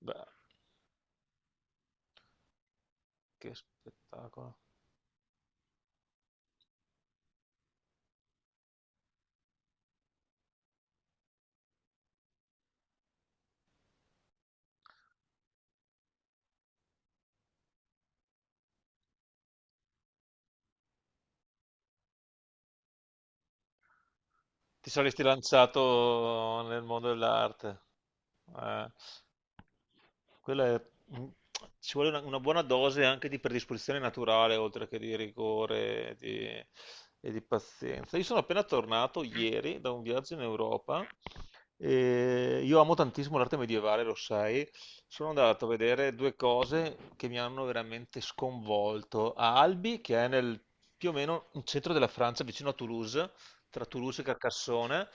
Beh, che spettacolo. Ti saresti lanciato nel mondo dell'arte. Eh, quella è- mm, Ci vuole una buona dose anche di predisposizione naturale, oltre che di rigore e e di pazienza. Io sono appena tornato ieri da un viaggio in Europa. E io amo tantissimo l'arte medievale, lo sai. Sono andato a vedere due cose che mi hanno veramente sconvolto. A Albi, che è nel più o meno in centro della Francia, vicino a Toulouse, tra Toulouse e Carcassonne,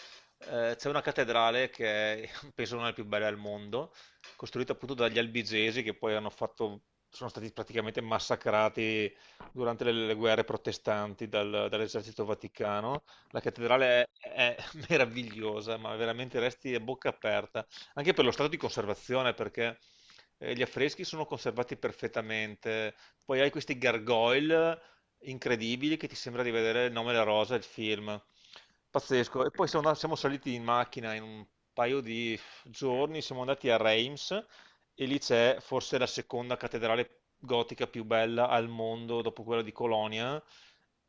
c'è una cattedrale che è, penso non è la più bella al mondo, costruita appunto dagli albigesi che poi hanno fatto, sono stati praticamente massacrati durante le guerre protestanti dall'esercito vaticano. La cattedrale è meravigliosa, ma veramente resti a bocca aperta, anche per lo stato di conservazione, perché gli affreschi sono conservati perfettamente. Poi hai questi gargoyle incredibili che ti sembra di vedere Il nome della rosa, il film. Pazzesco. E poi siamo saliti in macchina in un paio di giorni, siamo andati a Reims e lì c'è forse la seconda cattedrale gotica più bella al mondo dopo quella di Colonia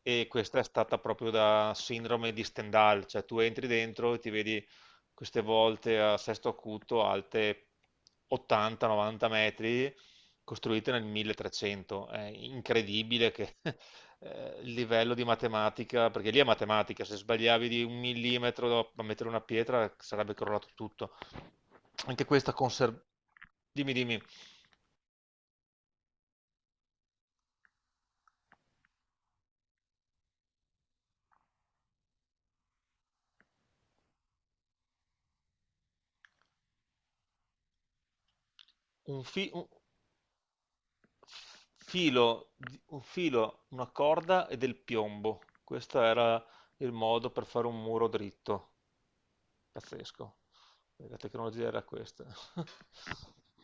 e questa è stata proprio da sindrome di Stendhal, cioè tu entri dentro e ti vedi queste volte a sesto acuto alte 80-90 metri costruite nel 1300. È incredibile che il livello di matematica, perché lì è matematica, se sbagliavi di un millimetro a mettere una pietra sarebbe crollato tutto. Anche questa conserva... Dimmi, dimmi, un, fi- un filo, di- un filo, una corda e del piombo. Questo era il modo per fare un muro dritto. Pazzesco. La tecnologia era questa.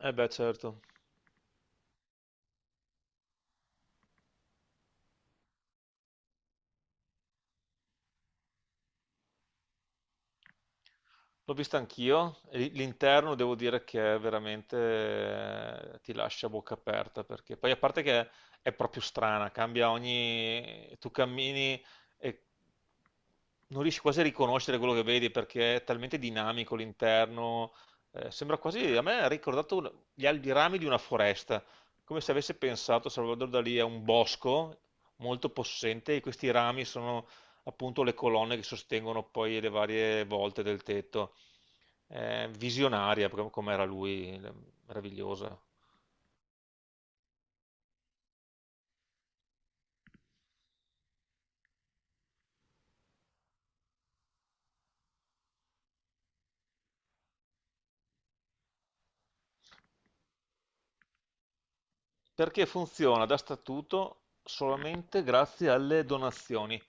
Eh beh, certo. L'ho vista anch'io, e l'interno devo dire che è veramente ti lascia a bocca aperta perché poi a parte che è proprio strana, cambia ogni... tu cammini e non riesci quasi a riconoscere quello che vedi perché è talmente dinamico l'interno, sembra quasi, a me ha ricordato i rami di una foresta, come se avesse pensato Salvador Dalì a un bosco molto possente e questi rami sono appunto le colonne che sostengono poi le varie volte del tetto. Visionaria, proprio come era lui, meravigliosa. Perché funziona da statuto solamente grazie alle donazioni.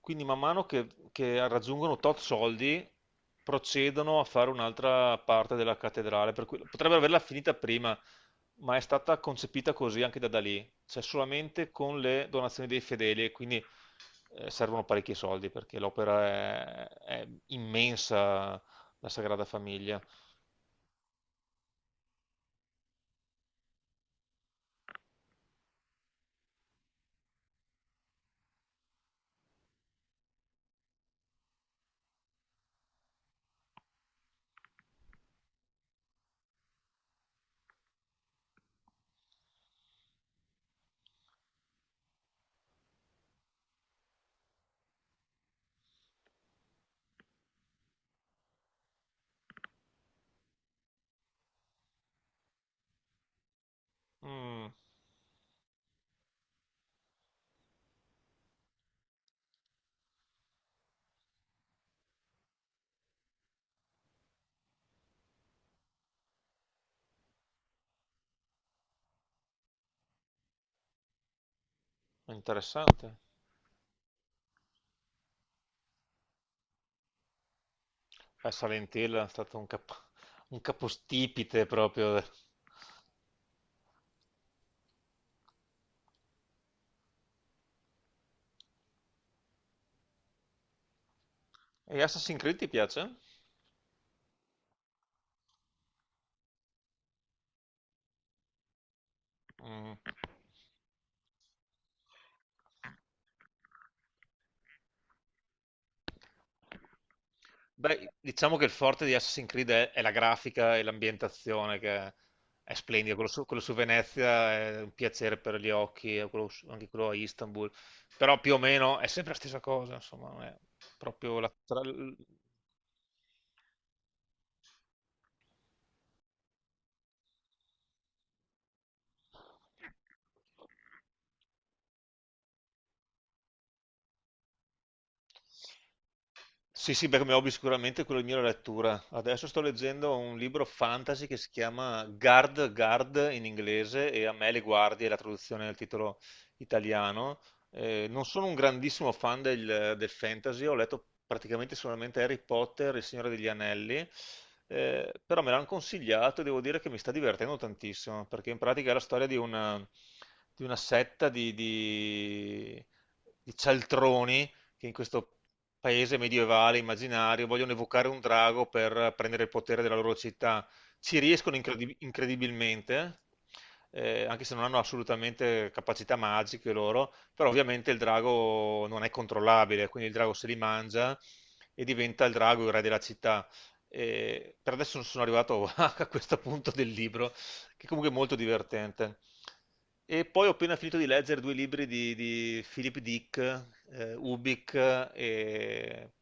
Quindi man mano che raggiungono tot soldi procedono a fare un'altra parte della cattedrale, per cui potrebbero averla finita prima, ma è stata concepita così anche da Dalì, cioè solamente con le donazioni dei fedeli e quindi servono parecchi soldi perché l'opera è immensa, la Sagrada Famiglia. Mm, interessante. Silent Hill è stato un capostipite proprio. E Assassin's Creed ti piace? Mm. Beh, diciamo che il forte di Assassin's Creed è la grafica e l'ambientazione che è splendida. Quello su Venezia è un piacere per gli occhi, e anche quello a Istanbul. Però più o meno è sempre la stessa cosa, insomma, non è proprio la... tra- Sì, sì, beh, come hobby sicuramente quello mio è la lettura. Adesso sto leggendo un libro fantasy che si chiama Guard, Guard in inglese, e A me le guardie è la traduzione del titolo italiano. Non sono un grandissimo fan del fantasy, ho letto praticamente solamente Harry Potter e Il Signore degli Anelli, però me l'hanno consigliato e devo dire che mi sta divertendo tantissimo, perché in pratica è la storia di una setta di cialtroni che in questo paese medievale immaginario vogliono evocare un drago per prendere il potere della loro città. Ci riescono incredibilmente, anche se non hanno assolutamente capacità magiche loro, però ovviamente il drago non è controllabile, quindi il drago se li mangia e diventa il drago il re della città. Per adesso non sono arrivato a questo punto del libro, che comunque è molto divertente. E poi ho appena finito di leggere due libri di Philip Dick, Ubik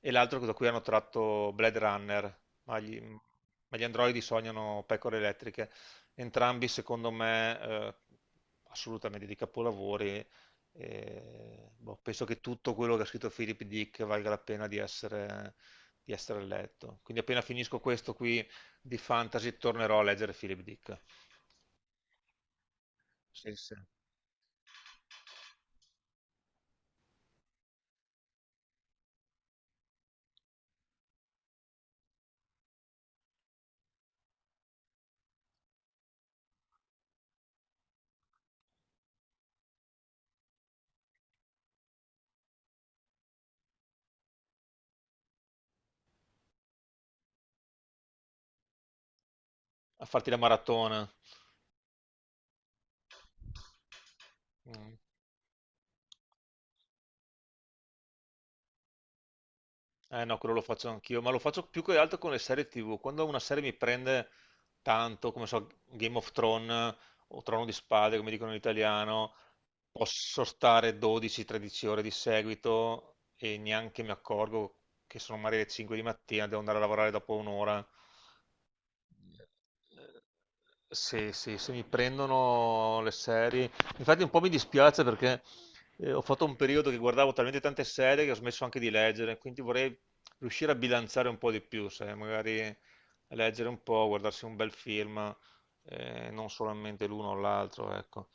e l'altro da cui hanno tratto Blade Runner, ma gli androidi sognano pecore elettriche. Entrambi, secondo me, assolutamente di capolavori. E, boh, penso che tutto quello che ha scritto Philip Dick valga la pena di essere letto. Quindi appena finisco questo qui, di fantasy tornerò a leggere Philip Dick. Sì, sì. A farti la maratona. Mm. Eh no, quello lo faccio anch'io, ma lo faccio più che altro con le serie TV. Quando una serie mi prende tanto, come so, Game of Thrones o Trono di Spade, come dicono in italiano, posso stare 12-13 ore di seguito e neanche mi accorgo che sono magari le 5 di mattina, devo andare a lavorare dopo un'ora. Sì, sì, se mi prendono le serie. Infatti un po' mi dispiace perché ho fatto un periodo che guardavo talmente tante serie che ho smesso anche di leggere, quindi vorrei riuscire a bilanciare un po' di più, sai, magari leggere un po', guardarsi un bel film, non solamente l'uno o l'altro, ecco.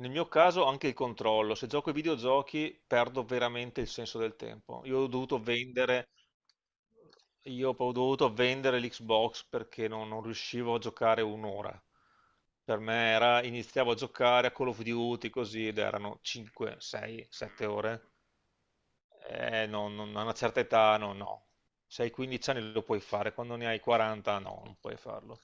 Nel mio caso anche il controllo, se gioco ai videogiochi perdo veramente il senso del tempo. Io ho dovuto vendere l'Xbox perché non riuscivo a giocare un'ora. Per me era, iniziavo a giocare a Call of Duty così ed erano 5, 6, 7 ore. A una certa età no, no. Se hai 15 anni lo puoi fare, quando ne hai 40 no, non puoi farlo.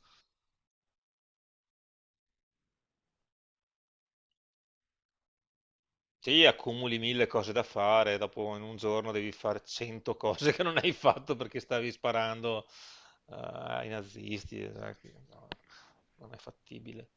Sì, accumuli mille cose da fare, dopo in un giorno devi fare cento cose che non hai fatto perché stavi sparando ai nazisti. Eh, che no, non è fattibile.